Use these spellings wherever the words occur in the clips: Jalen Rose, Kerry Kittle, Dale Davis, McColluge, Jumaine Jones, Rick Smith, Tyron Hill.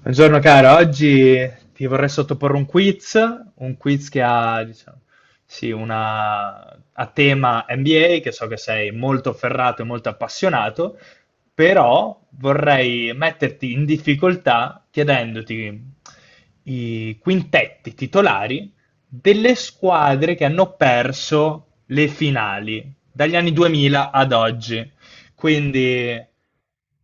Buongiorno caro, oggi ti vorrei sottoporre un quiz che ha, diciamo, sì, a tema NBA, che so che sei molto ferrato e molto appassionato, però vorrei metterti in difficoltà chiedendoti i quintetti titolari delle squadre che hanno perso le finali dagli anni 2000 ad oggi, quindi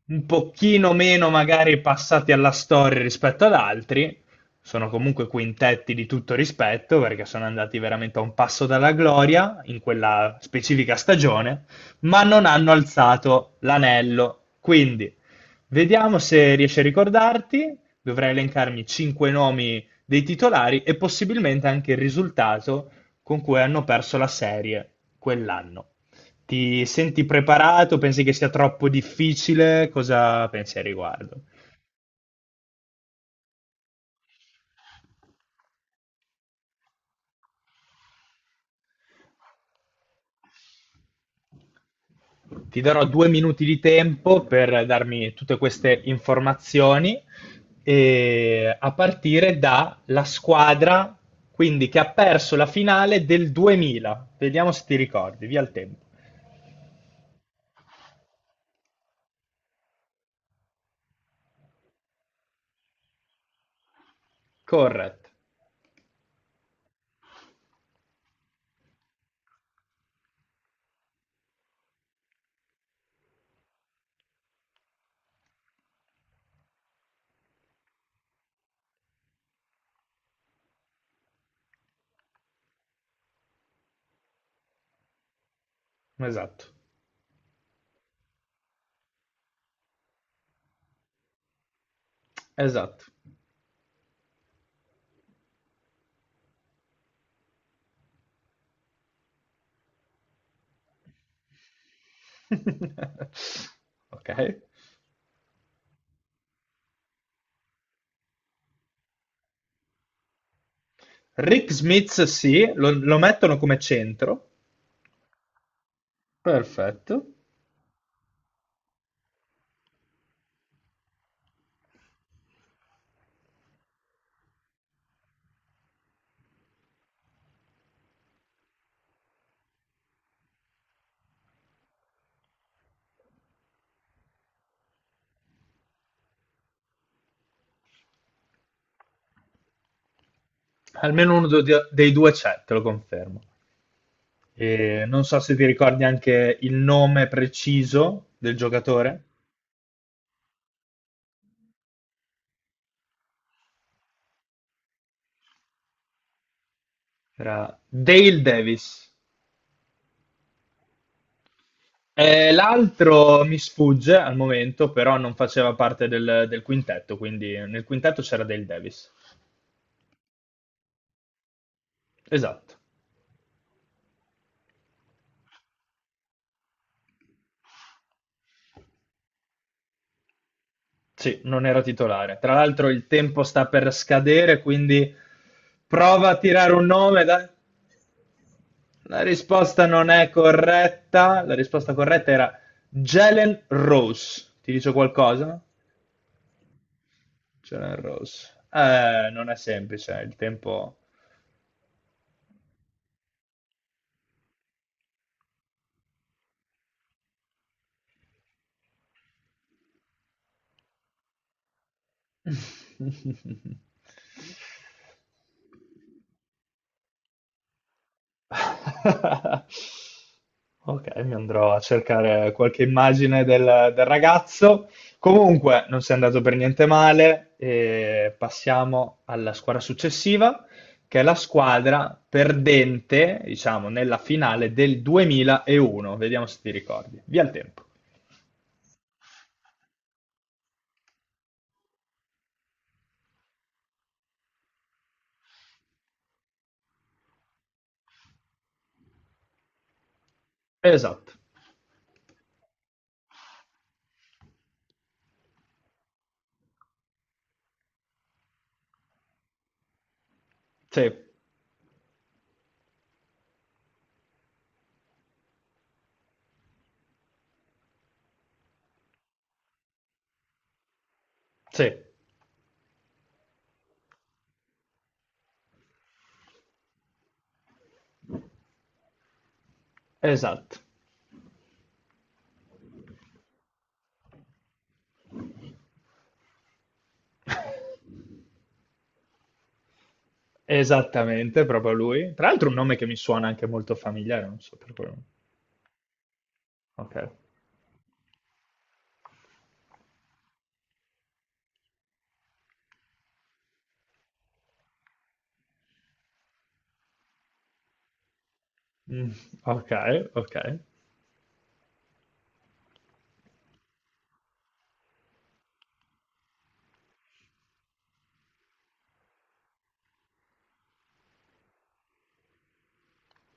un pochino meno magari passati alla storia rispetto ad altri. Sono comunque quintetti di tutto rispetto perché sono andati veramente a un passo dalla gloria in quella specifica stagione, ma non hanno alzato l'anello. Quindi vediamo se riesci a ricordarti. Dovrai elencarmi cinque nomi dei titolari e possibilmente anche il risultato con cui hanno perso la serie quell'anno. Ti senti preparato? Pensi che sia troppo difficile? Cosa pensi al riguardo? Ti darò due minuti di tempo per darmi tutte queste informazioni e a partire dalla squadra, quindi che ha perso la finale del 2000. Vediamo se ti ricordi, via il tempo. Corretto, esatto, esatto. Ok. Rick Smith sì, lo mettono come centro. Perfetto. Almeno uno do- Dei due c'è, te lo confermo. E non so se ti ricordi anche il nome preciso del giocatore. Era Dale Davis. E l'altro mi sfugge al momento, però non faceva parte del quintetto, quindi nel quintetto c'era Dale Davis. Esatto, sì, non era titolare. Tra l'altro il tempo sta per scadere, quindi prova a tirare un nome, dai. La risposta non è corretta. La risposta corretta era Jalen Rose. Ti dice qualcosa? Jalen Rose. Non è semplice, il tempo... Ok, mi andrò a cercare qualche immagine del ragazzo. Comunque, non si è andato per niente male. E passiamo alla squadra successiva, che è la squadra perdente, diciamo, nella finale del 2001. Vediamo se ti ricordi. Via il tempo. Esatto. Sì, sì, esatto. Esattamente, proprio lui. Tra l'altro, un nome che mi suona anche molto familiare, non so per quello. Ok. Mm, ok, ok.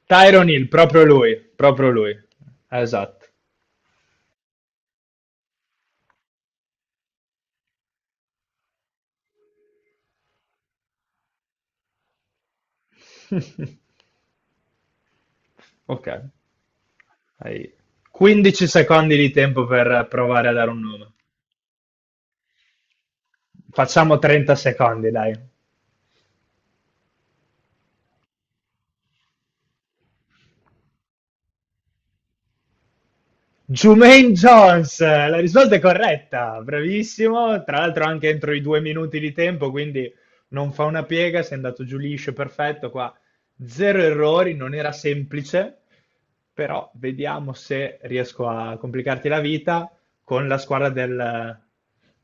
Tyron Hill, proprio lui, proprio lui. Esatto. Ok, hai 15 secondi di tempo per provare a dare un nome. Facciamo 30 secondi, dai. Jumaine Jones, la risposta è corretta, bravissimo, tra l'altro anche entro i due minuti di tempo, quindi non fa una piega, sei andato giù liscio, perfetto, qua zero errori, non era semplice, però vediamo se riesco a complicarti la vita con la squadra del,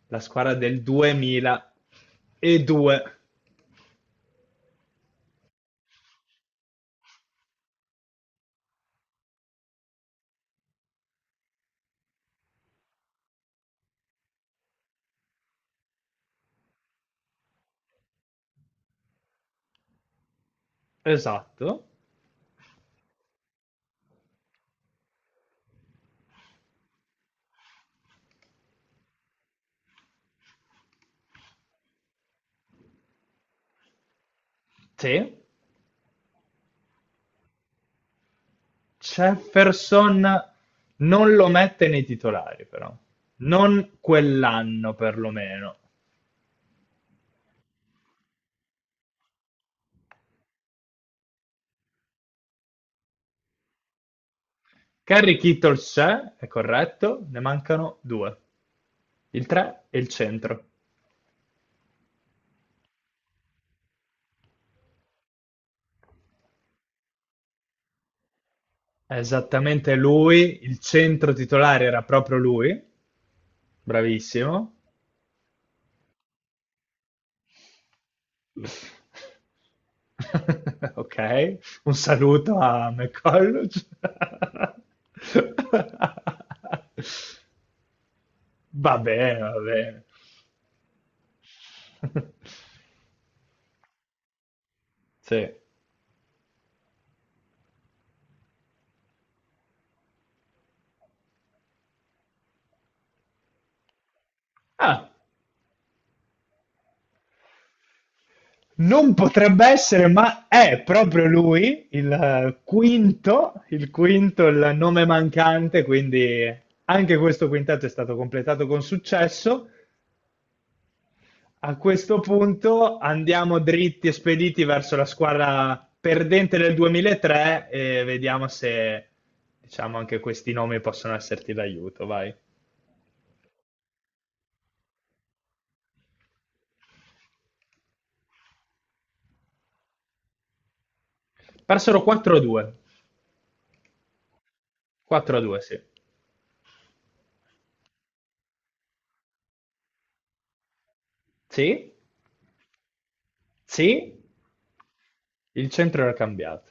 la squadra del 2002, esatto, sì, Jefferson non lo mette nei titolari però, non quell'anno perlomeno. Kerry Kittle c'è, è corretto, ne mancano due, il 3 e il centro. È esattamente lui, il centro titolare era proprio lui, bravissimo. Ok, un saluto a McColluge. Va bene, va bene. Sì. Ah, non potrebbe essere, ma è proprio lui, il quinto, il nome mancante, quindi anche questo quintetto è stato completato con successo. A questo punto andiamo dritti e spediti verso la squadra perdente del 2003 e vediamo se, diciamo, anche questi nomi possono esserti d'aiuto, vai. Persero 4-2. 4-2, sì. Sì, sì, il centro era cambiato.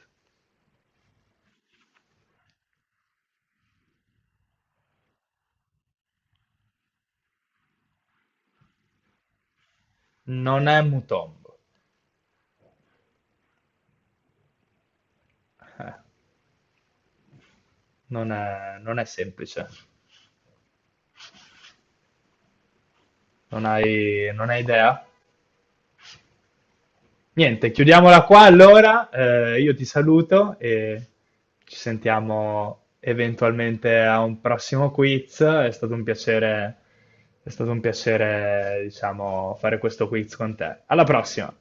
Non è Mutombo. Eh, non è, non è semplice. Non hai idea? Niente, chiudiamola qua allora. Io ti saluto e ci sentiamo eventualmente a un prossimo quiz. È stato un piacere, diciamo, fare questo quiz con te. Alla prossima!